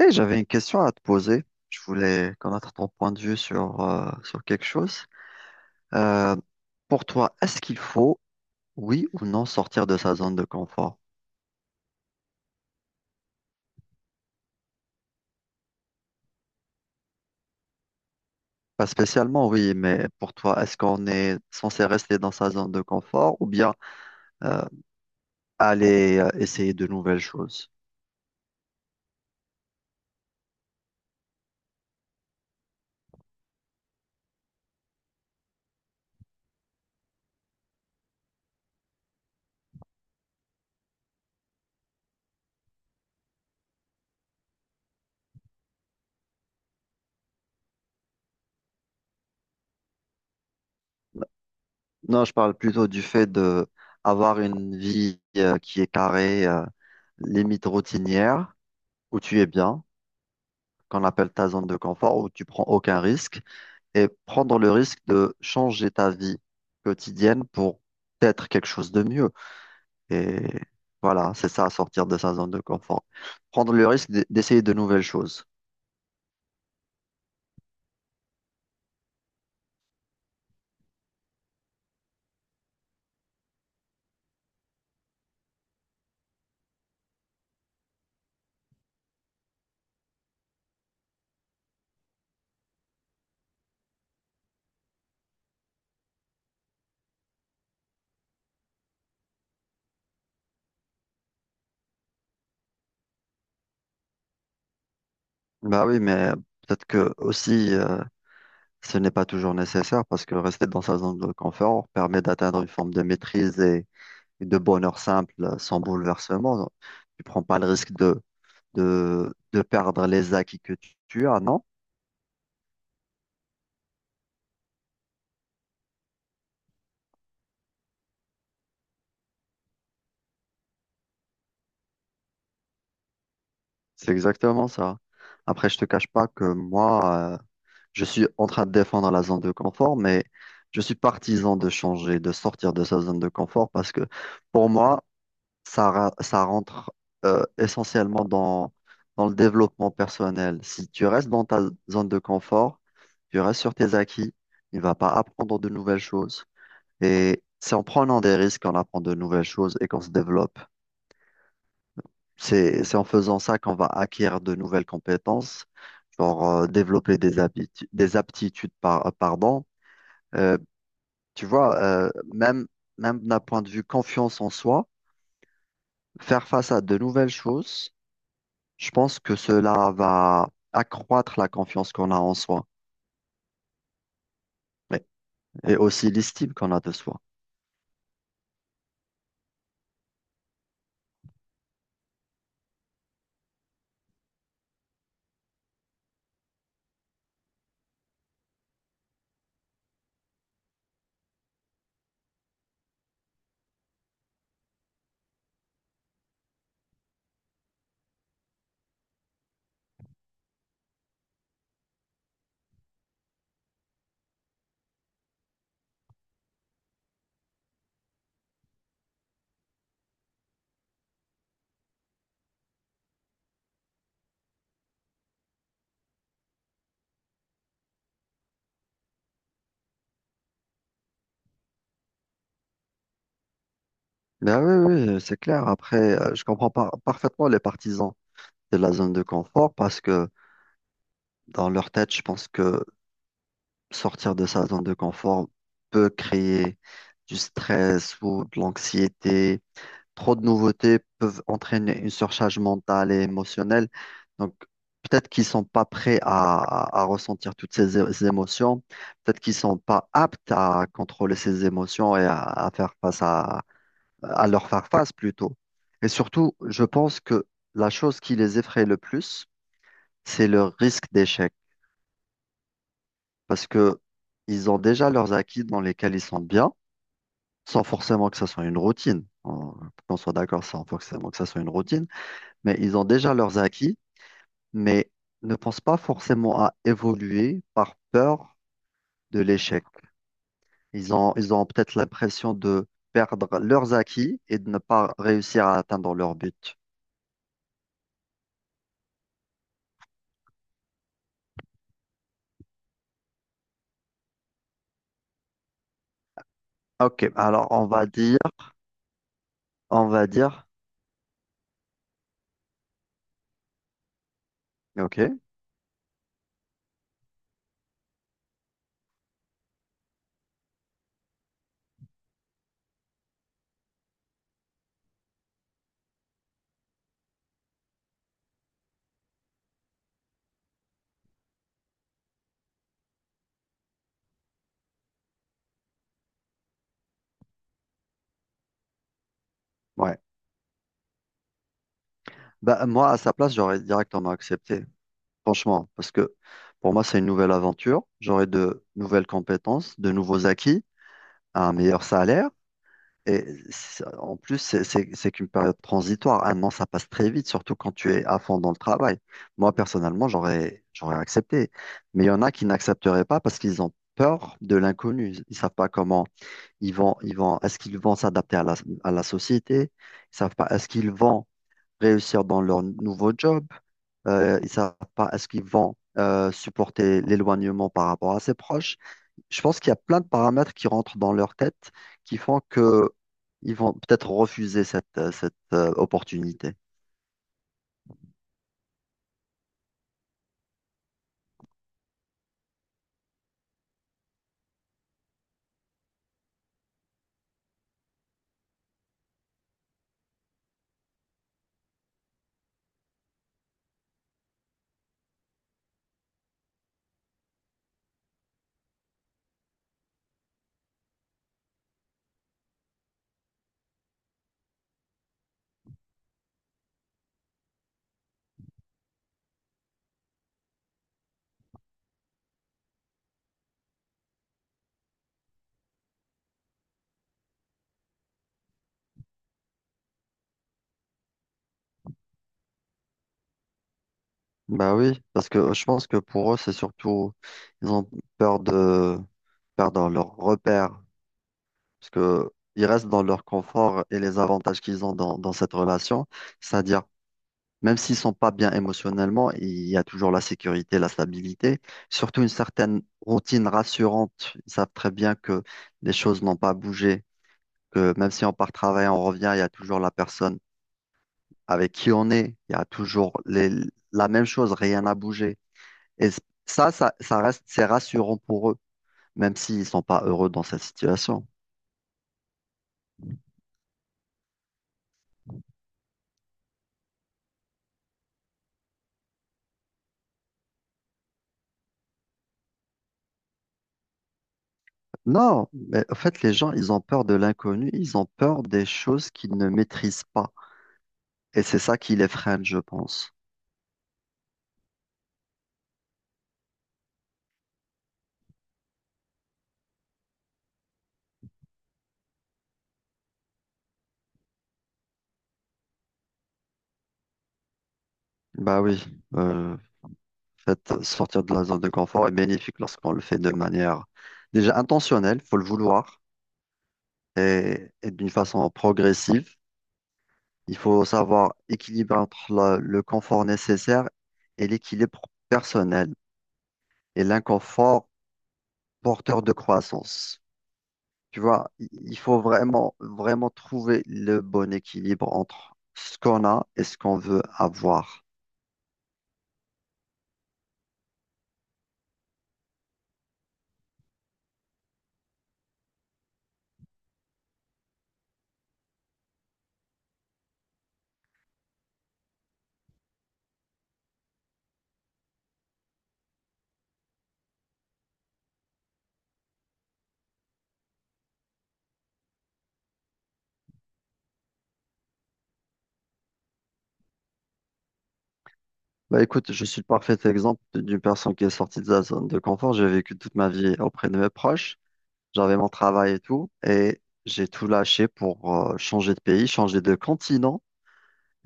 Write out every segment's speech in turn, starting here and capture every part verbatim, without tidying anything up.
Eh, j'avais une question à te poser. Je voulais connaître ton point de vue sur, euh, sur quelque chose. Euh, pour toi, est-ce qu'il faut, oui ou non, sortir de sa zone de confort? Pas spécialement, oui, mais pour toi, est-ce qu'on est censé rester dans sa zone de confort ou bien euh, aller euh, essayer de nouvelles choses. Non, je parle plutôt du fait de avoir une vie euh, qui est carrée, euh, limite routinière, où tu es bien, qu'on appelle ta zone de confort, où tu prends aucun risque. Et prendre le risque de changer ta vie quotidienne pour être quelque chose de mieux. Et voilà, c'est ça, sortir de sa zone de confort. Prendre le risque d- d'essayer de nouvelles choses. Bah oui, mais peut-être que aussi, euh, ce n'est pas toujours nécessaire parce que rester dans sa zone de confort permet d'atteindre une forme de maîtrise et et de bonheur simple euh, sans bouleversement. Tu prends pas le risque de, de, de perdre les acquis que tu tu as, non? C'est exactement ça. Après, je te cache pas que moi, euh, je suis en train de défendre la zone de confort, mais je suis partisan de changer, de sortir de sa zone de confort parce que pour moi, ça, ra- ça rentre euh, essentiellement dans, dans le développement personnel. Si tu restes dans ta zone de confort, tu restes sur tes acquis, tu ne vas pas apprendre de nouvelles choses. Et c'est en prenant des risques qu'on apprend de nouvelles choses et qu'on se développe. C'est, c'est en faisant ça qu'on va acquérir de nouvelles compétences, genre euh, développer des habitu- des aptitudes, par, euh, pardon. Euh, Tu vois, euh, même, même d'un point de vue confiance en soi, faire face à de nouvelles choses, je pense que cela va accroître la confiance qu'on a en soi. Et aussi l'estime qu'on a de soi. Ben oui, oui, c'est clair. Après, euh, je comprends par- parfaitement les partisans de la zone de confort parce que dans leur tête, je pense que sortir de sa zone de confort peut créer du stress ou de l'anxiété. Trop de nouveautés peuvent entraîner une surcharge mentale et émotionnelle. Donc, peut-être qu'ils sont pas prêts à, à- à ressentir toutes ces, é- ces émotions. Peut-être qu'ils sont pas aptes à contrôler ces émotions et à, à faire face à, à leur faire face plutôt. Et surtout, je pense que la chose qui les effraie le plus, c'est le risque d'échec. Parce que ils ont déjà leurs acquis dans lesquels ils sont bien, sans forcément que ça soit une routine. On- Qu'on soit d'accord, sans forcément que ça soit une routine. Mais ils ont déjà leurs acquis, mais ne pensent pas forcément à évoluer par peur de l'échec. Ils ont, ils ont peut-être l'impression de perdre leurs acquis et de ne pas réussir à atteindre leur but. Ok, alors on va dire, on va dire, ok, ouais. Bah, moi, à sa place, j'aurais directement accepté, franchement, parce que pour moi, c'est une nouvelle aventure. J'aurais de nouvelles compétences, de nouveaux acquis, un meilleur salaire. Et c'est- en plus, c'est c'est- c'est qu'une période transitoire. Un an, ça passe très vite, surtout quand tu es à fond dans le travail. Moi, personnellement, j'aurais, j'aurais accepté. Mais il y en a qui n'accepteraient pas parce qu'ils ont peur de l'inconnu. Ils savent pas comment ils vont, ils vont, est-ce qu'ils vont s'adapter à la, à la société? Ils savent pas, est-ce qu'ils vont réussir dans leur nouveau job? Euh, ils savent pas, est-ce qu'ils vont euh, supporter l'éloignement par rapport à ses proches? Je pense qu'il y a plein de paramètres qui rentrent dans leur tête qui font que ils vont peut-être refuser cette, euh, cette euh, opportunité. Bah oui, parce que je pense que pour eux, c'est surtout, ils ont peur de perdre leur repère, parce que ils restent dans leur confort et les avantages qu'ils ont dans, dans cette relation, c'est-à-dire même s'ils sont pas bien émotionnellement, il y a toujours la sécurité, la stabilité, surtout une certaine routine rassurante. Ils savent très bien que les choses n'ont pas bougé, que même si on part travailler, on revient, il y a toujours la personne avec qui on est, il y a toujours les- la même chose, rien n'a bougé. Et c- ça, ça, ça reste, c'est rassurant pour eux, même s'ils sont pas heureux dans cette situation. Non, mais en fait, les gens, ils ont peur de l'inconnu, ils ont peur des choses qu'ils ne maîtrisent pas. Et c'est ça qui les freine, je pense. Bah oui, euh, en fait, sortir de la zone de confort est bénéfique lorsqu'on le fait de manière déjà intentionnelle, faut le vouloir, et, et d'une façon progressive. Il faut savoir équilibrer entre la- le confort nécessaire et l'équilibre personnel et l'inconfort porteur de croissance. Tu vois, i- il faut vraiment, vraiment trouver le bon équilibre entre ce qu'on a et ce qu'on veut avoir. Bah écoute, je suis le parfait exemple d'une personne qui est sortie de sa zone de confort. J'ai vécu toute ma vie auprès de mes proches. J'avais mon travail et tout, et j'ai tout lâché pour euh, changer de pays, changer de continent.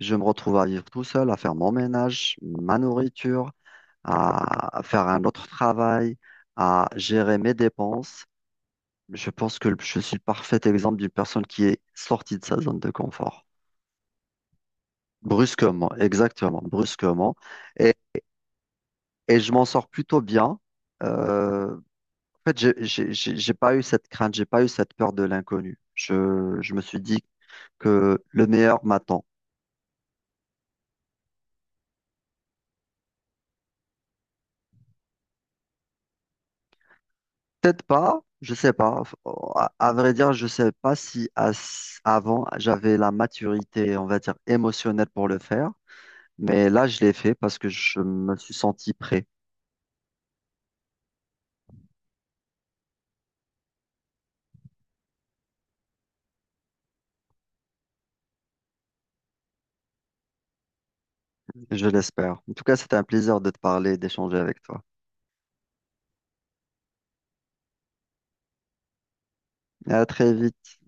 Je me retrouve à vivre tout seul, à faire mon ménage, ma nourriture, à à faire un autre travail, à gérer mes dépenses. Je pense que je suis le parfait exemple d'une personne qui est sortie de sa zone de confort. Brusquement, exactement, brusquement. Et, et je m'en sors plutôt bien. Euh, En fait, j'ai j'ai- j'ai- j'ai pas eu cette crainte, j'ai pas eu cette peur de l'inconnu. Je, je me suis dit que le meilleur m'attend. Peut-être pas, je sais pas. À, à vrai dire, je sais pas si à- avant j'avais la maturité, on va dire, émotionnelle pour le faire. Mais là, je l'ai fait parce que je me suis senti prêt. Je l'espère. En tout cas, c'était un plaisir de te parler, d'échanger avec toi. À très vite.